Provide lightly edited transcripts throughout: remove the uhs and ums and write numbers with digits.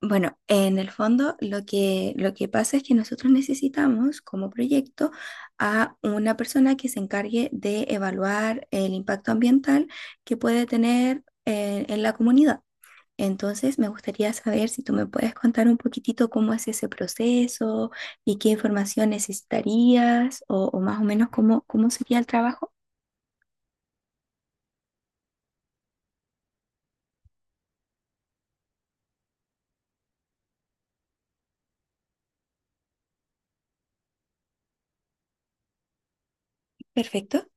Bueno, en el fondo lo que pasa es que nosotros necesitamos como proyecto a una persona que se encargue de evaluar el impacto ambiental que puede tener en la comunidad. Entonces, me gustaría saber si tú me puedes contar un poquitito cómo es ese proceso y qué información necesitarías o más o menos cómo sería el trabajo. Perfecto.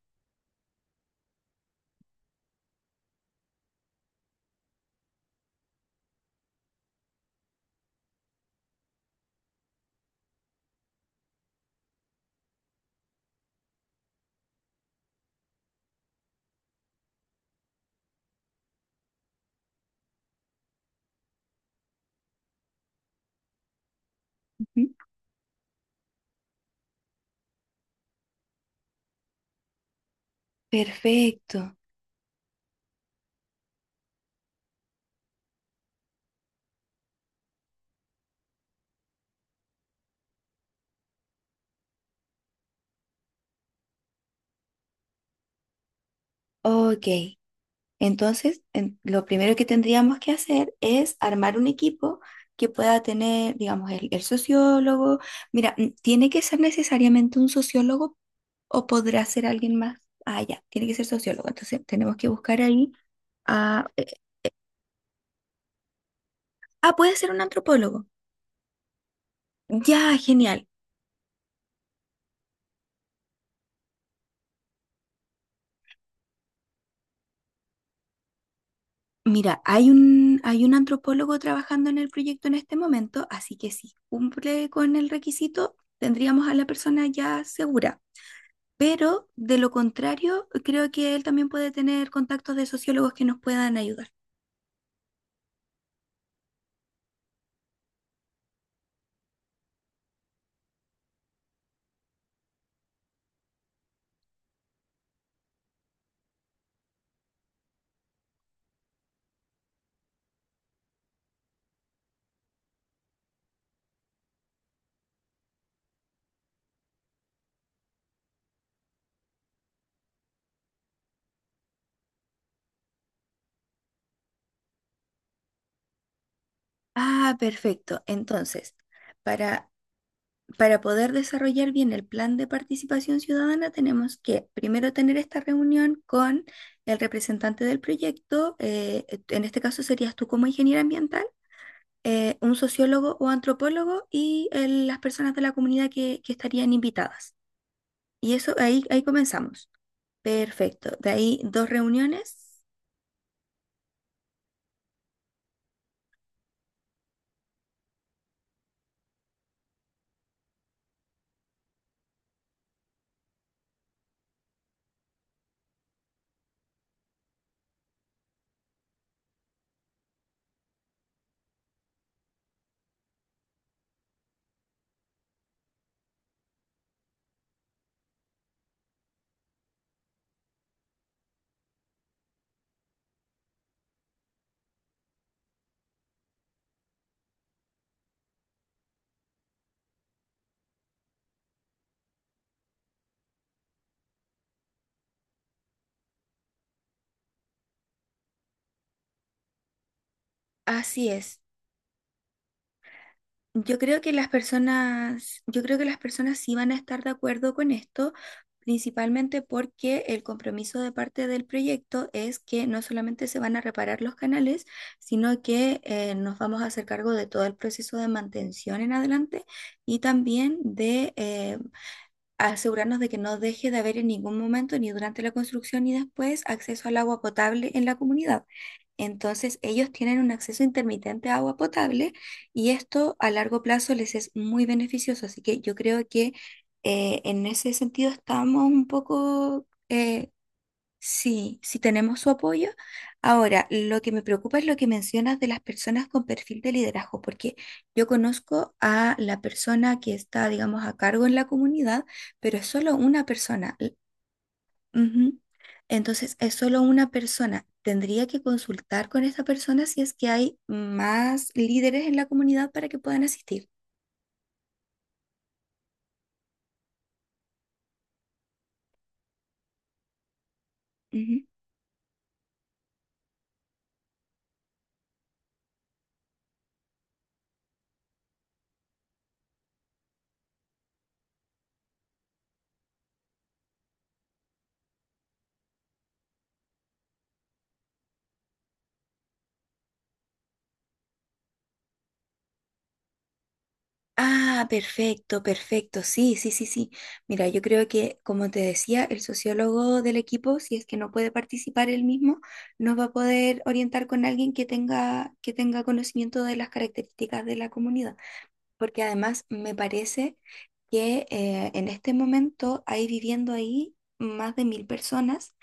Ujú. Perfecto. Ok. Entonces, lo primero que tendríamos que hacer es armar un equipo que pueda tener, digamos, el sociólogo. Mira, ¿tiene que ser necesariamente un sociólogo o podrá ser alguien más? Ah, ya, tiene que ser sociólogo. Entonces, tenemos que buscar ahí a... eh, ah, puede ser un antropólogo. Ya, genial. Mira, hay un antropólogo trabajando en el proyecto en este momento, así que si cumple con el requisito, tendríamos a la persona ya segura. Pero de lo contrario, creo que él también puede tener contactos de sociólogos que nos puedan ayudar. Ah, perfecto. Entonces, para, para poder desarrollar bien el plan de participación ciudadana, tenemos que primero tener esta reunión con el representante del proyecto, en este caso serías tú como ingeniera ambiental, un sociólogo o antropólogo y las personas de la comunidad que estarían invitadas. Y eso ahí comenzamos. Perfecto. De ahí dos reuniones. Así es. Yo creo que las personas sí van a estar de acuerdo con esto, principalmente porque el compromiso de parte del proyecto es que no solamente se van a reparar los canales, sino que nos vamos a hacer cargo de todo el proceso de mantención en adelante y también de asegurarnos de que no deje de haber en ningún momento, ni durante la construcción ni después, acceso al agua potable en la comunidad. Entonces, ellos tienen un acceso intermitente a agua potable y esto a largo plazo les es muy beneficioso. Así que yo creo que en ese sentido estamos un poco, sí, sí tenemos su apoyo. Ahora, lo que me preocupa es lo que mencionas de las personas con perfil de liderazgo, porque yo conozco a la persona que está, digamos, a cargo en la comunidad, pero es solo una persona. Ujú. Entonces, es solo una persona. Tendría que consultar con esa persona si es que hay más líderes en la comunidad para que puedan asistir. Ujú. Ah, perfecto, perfecto. Sí, sí, sí, sí. Mira, yo creo que, como te decía, el sociólogo del equipo, si es que no puede participar él mismo, nos va a poder orientar con alguien que tenga conocimiento de las características de la comunidad. Porque además me parece que en este momento hay viviendo ahí más de 1000 personas,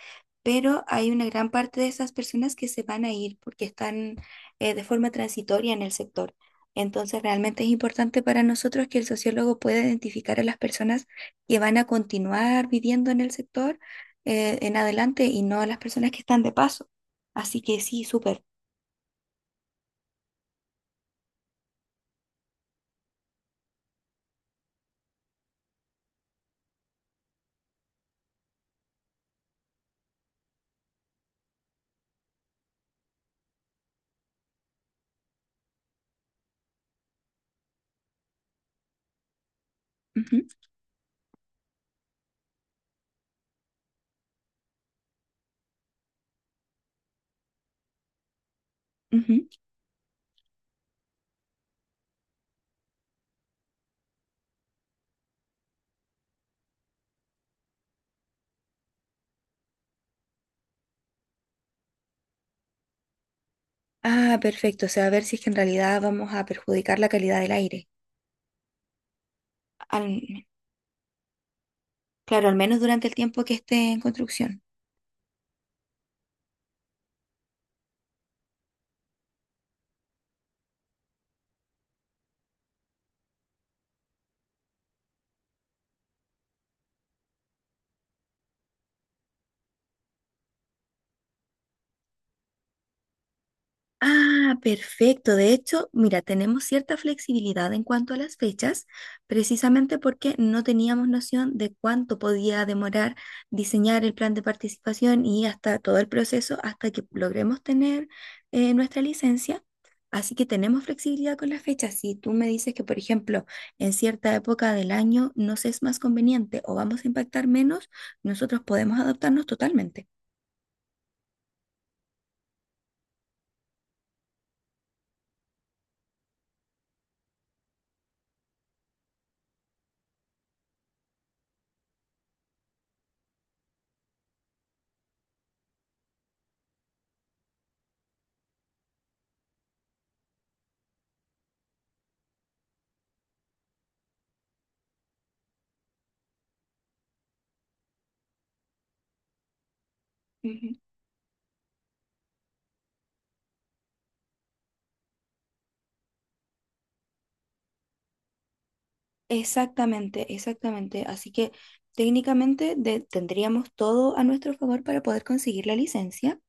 pero hay una gran parte de esas personas que se van a ir porque están de forma transitoria en el sector. Entonces, realmente es importante para nosotros que el sociólogo pueda identificar a las personas que van a continuar viviendo en el sector en adelante y no a las personas que están de paso. Así que sí, súper. Ujú, ujú. Ah, perfecto. O sea, a ver si es que en realidad vamos a perjudicar la calidad del aire. Al- claro, al menos durante el tiempo que esté en construcción. Ah, perfecto. De hecho, mira, tenemos cierta flexibilidad en cuanto a las fechas, precisamente porque no teníamos noción de cuánto podía demorar diseñar el plan de participación y hasta todo el proceso hasta que logremos tener nuestra licencia. Así que tenemos flexibilidad con las fechas. Si tú me dices que, por ejemplo, en cierta época del año nos es más conveniente o vamos a impactar menos, nosotros podemos adaptarnos totalmente. Exactamente, exactamente. Así que técnicamente tendríamos todo a nuestro favor para poder conseguir la licencia.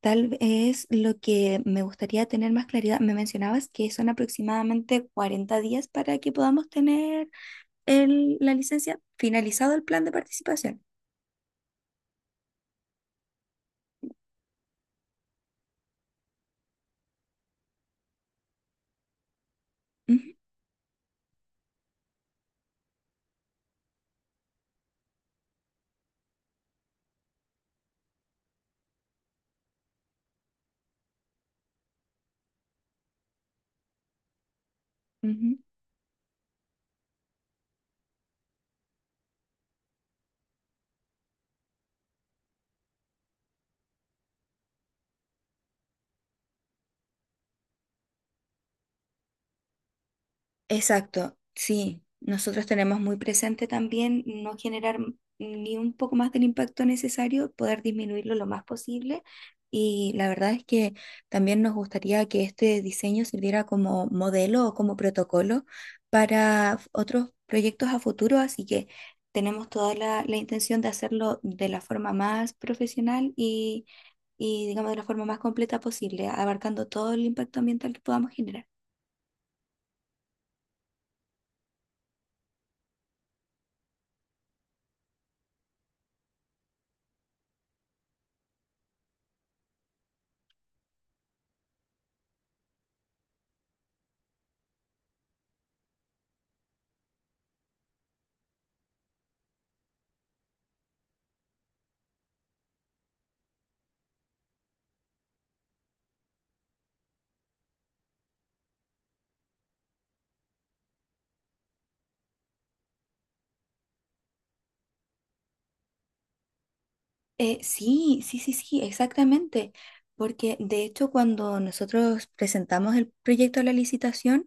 Tal vez lo que me gustaría tener más claridad, me mencionabas que son aproximadamente 40 días para que podamos tener la licencia finalizado el plan de participación. Ujú, ujú. Exacto, sí, nosotros tenemos muy presente también no generar ni un poco más del impacto necesario, poder disminuirlo lo más posible. Y la verdad es que también nos gustaría que este diseño sirviera como modelo o como protocolo para otros proyectos a futuro, así que tenemos toda la intención de hacerlo de la forma más profesional y digamos de la forma más completa posible, abarcando todo el impacto ambiental que podamos generar. Sí, sí, sí, sí, exactamente. Porque de hecho cuando nosotros presentamos el proyecto a la licitación,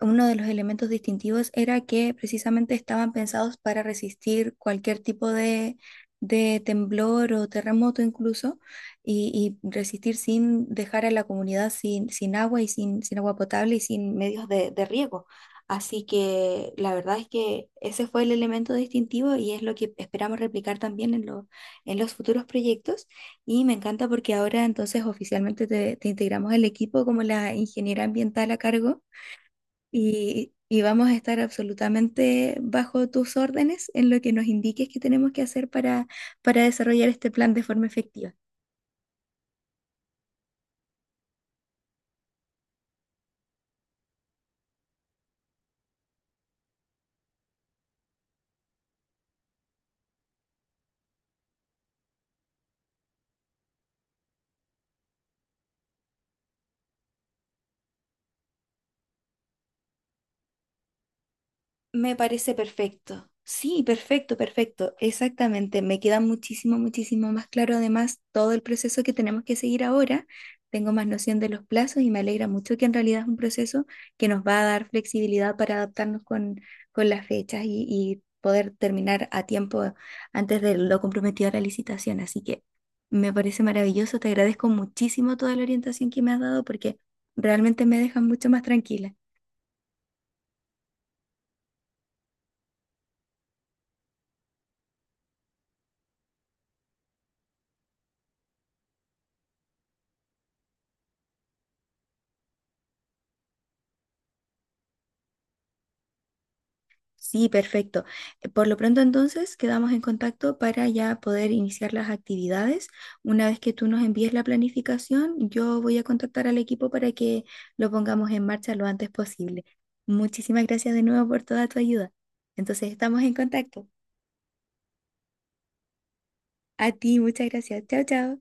uno de los elementos distintivos era que precisamente estaban pensados para resistir cualquier tipo de temblor o terremoto incluso, y resistir sin dejar a la comunidad sin agua y sin agua potable y sin medios de riego. Así que la verdad es que ese fue el elemento distintivo y es lo que esperamos replicar también en los futuros proyectos. Y me encanta porque ahora entonces oficialmente te integramos el equipo como la ingeniera ambiental a cargo y vamos a estar absolutamente bajo tus órdenes en lo que nos indiques que tenemos que hacer para desarrollar este plan de forma efectiva. Me parece perfecto. Sí, perfecto, perfecto. Exactamente. Me queda muchísimo, muchísimo más claro además todo el proceso que tenemos que seguir ahora. Tengo más noción de los plazos y me alegra mucho que en realidad es un proceso que nos va a dar flexibilidad para adaptarnos con las fechas y poder terminar a tiempo antes de lo comprometido a la licitación. Así que me parece maravilloso. Te agradezco muchísimo toda la orientación que me has dado porque realmente me deja mucho más tranquila. Sí, perfecto. Por lo pronto entonces quedamos en contacto para ya poder iniciar las actividades. Una vez que tú nos envíes la planificación, yo voy a contactar al equipo para que lo pongamos en marcha lo antes posible. Muchísimas gracias de nuevo por toda tu ayuda. Entonces estamos en contacto. A ti, muchas gracias. Chao, chao.